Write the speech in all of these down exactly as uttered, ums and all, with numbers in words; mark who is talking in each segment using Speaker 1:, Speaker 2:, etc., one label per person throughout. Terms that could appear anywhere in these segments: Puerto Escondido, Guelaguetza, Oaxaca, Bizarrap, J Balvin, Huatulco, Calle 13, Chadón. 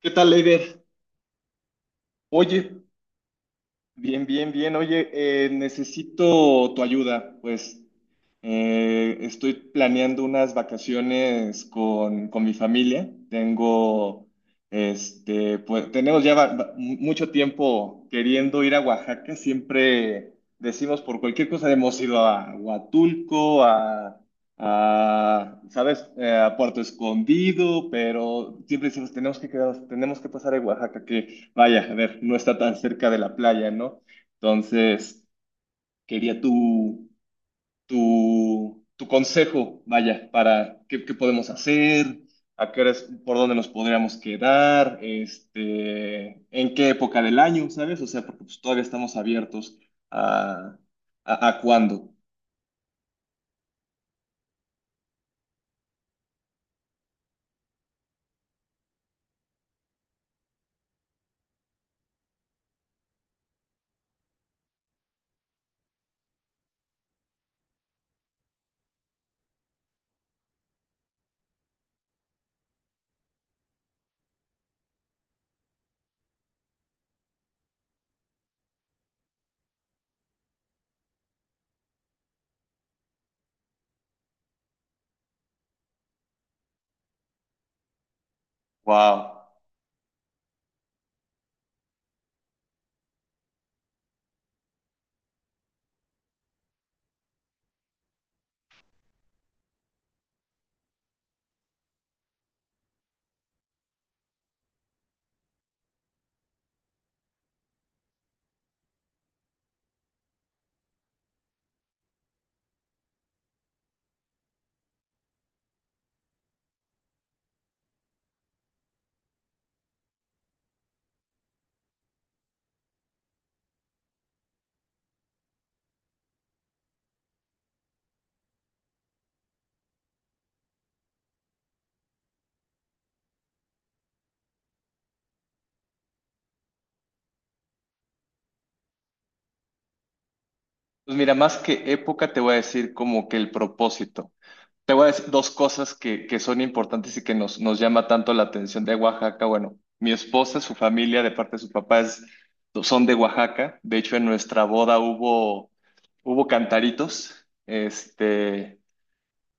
Speaker 1: ¿Qué tal, Leider? Oye, bien, bien, bien. Oye, eh, necesito tu ayuda. Pues eh, estoy planeando unas vacaciones con, con mi familia. Tengo, este, pues tenemos ya va- va- mucho tiempo queriendo ir a Oaxaca. Siempre decimos por cualquier cosa hemos ido a Huatulco, a, a, ¿sabes? Eh, a Puerto Escondido, pero siempre decimos tenemos que quedarnos, tenemos que pasar a Oaxaca. Vaya, a ver, no está tan cerca de la playa, ¿no? Entonces, quería tu, tu, tu consejo, vaya, para qué, qué podemos hacer, a qué horas, por dónde nos podríamos quedar, este, en qué época del año, ¿sabes? O sea, porque pues, todavía estamos abiertos a, a, a cuándo. Wow. Pues mira, más que época, te voy a decir como que el propósito. Te voy a decir dos cosas que, que son importantes y que nos, nos llama tanto la atención de Oaxaca. Bueno, mi esposa, su familia, de parte de sus papás, son de Oaxaca. De hecho, en nuestra boda hubo, hubo cantaritos, este,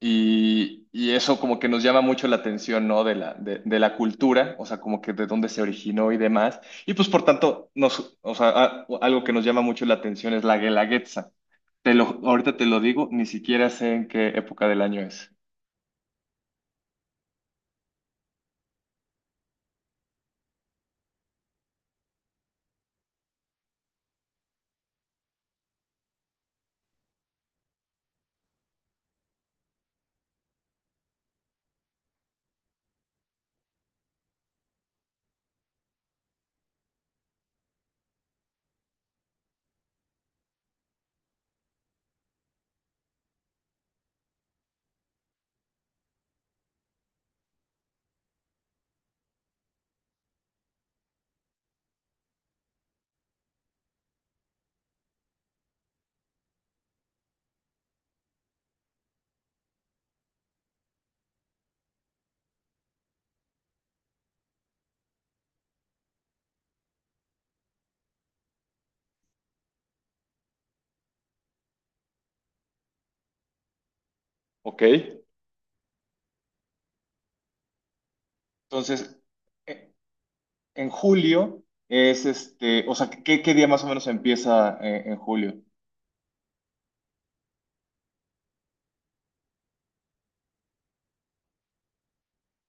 Speaker 1: y, y eso como que nos llama mucho la atención, ¿no? De la, de, de la cultura, o sea, como que de dónde se originó y demás. Y pues, por tanto, nos, o sea, a- algo que nos llama mucho la atención es la guelaguetza. Te lo, ahorita te lo digo, ni siquiera sé en qué época del año es. Ok. Entonces, e- en julio es este, o sea, ¿qué, ¿qué día más o menos empieza eh, en julio?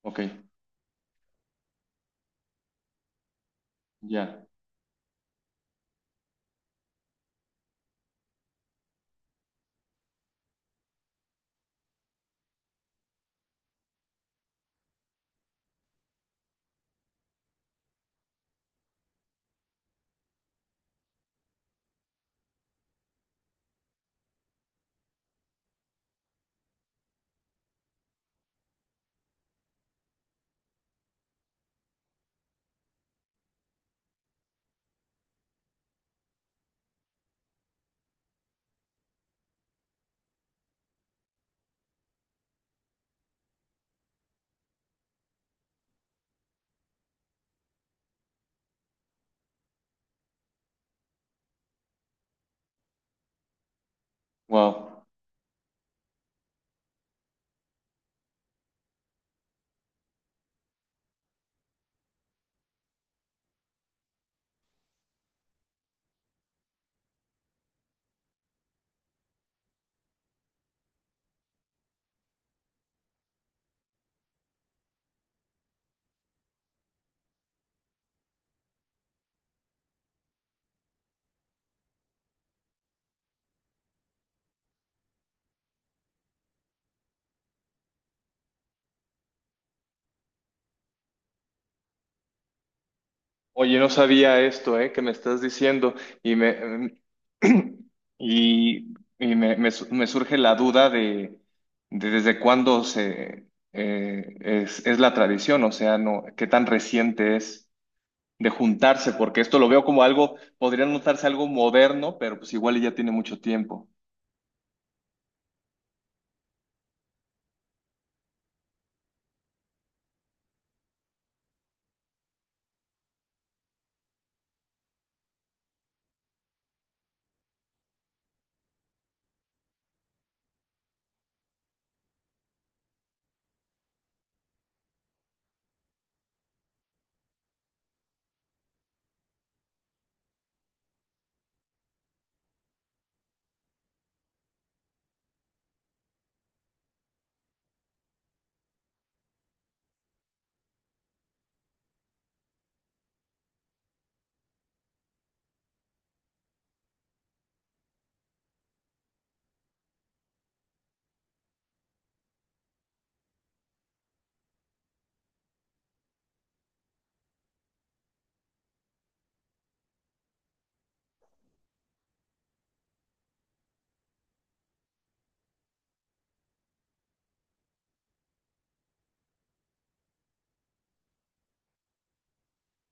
Speaker 1: Ok, ya. Wow. Oye, no sabía esto, ¿eh? Que me estás diciendo y me em, y, y me, me su- me surge la duda de, de desde cuándo se eh, es, es la tradición, o sea, no, qué tan reciente es de juntarse, porque esto lo veo como algo, podría notarse algo moderno, pero pues igual y ya tiene mucho tiempo.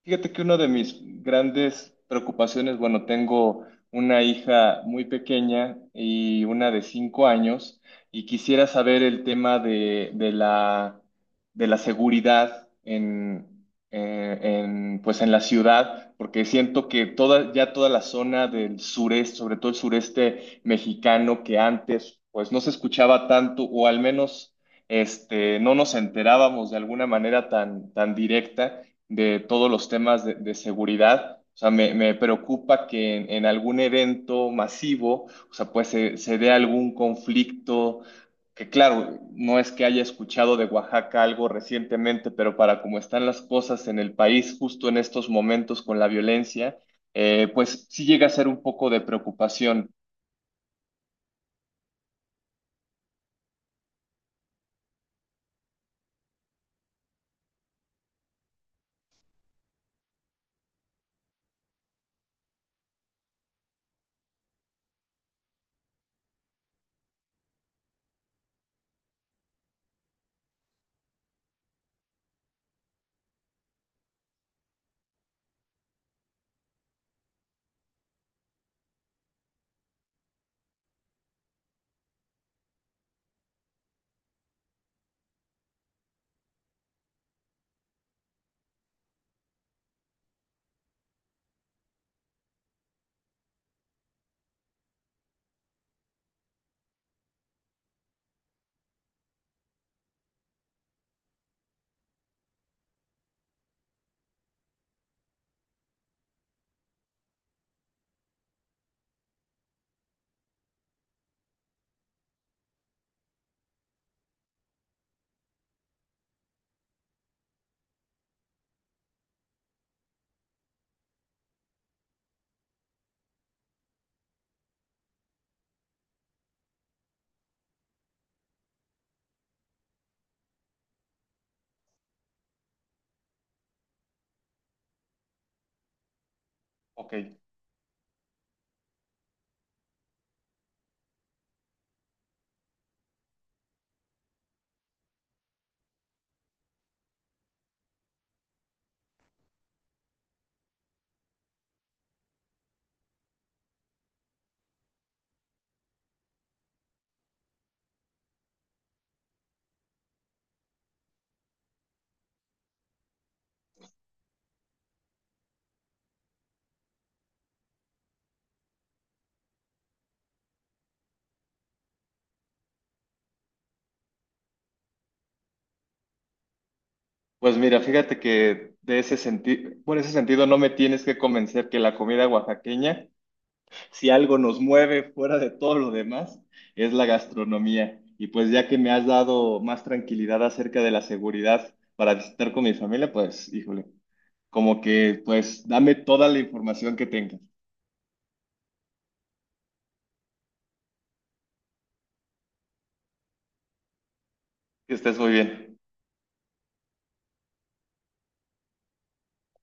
Speaker 1: Fíjate que una de mis grandes preocupaciones, bueno, tengo una hija muy pequeña y una de cinco años, y quisiera saber el tema de, de la, de la seguridad en, eh, en, pues en la ciudad, porque siento que toda, ya toda la zona del sureste, sobre todo el sureste mexicano, que antes pues no se escuchaba tanto, o al menos este, no nos enterábamos de alguna manera tan, tan directa de todos los temas de, de seguridad. O sea, me, me preocupa que en, en algún evento masivo, o sea, pues se, se dé algún conflicto, que claro, no es que haya escuchado de Oaxaca algo recientemente, pero para cómo están las cosas en el país justo en estos momentos con la violencia, eh, pues sí llega a ser un poco de preocupación. Ok, pues mira, fíjate que de ese sentido, por ese sentido no me tienes que convencer que la comida oaxaqueña si algo nos mueve fuera de todo lo demás, es la gastronomía. Y pues ya que me has dado más tranquilidad acerca de la seguridad para visitar con mi familia, pues híjole, como que pues dame toda la información que tengas. Que estés muy bien.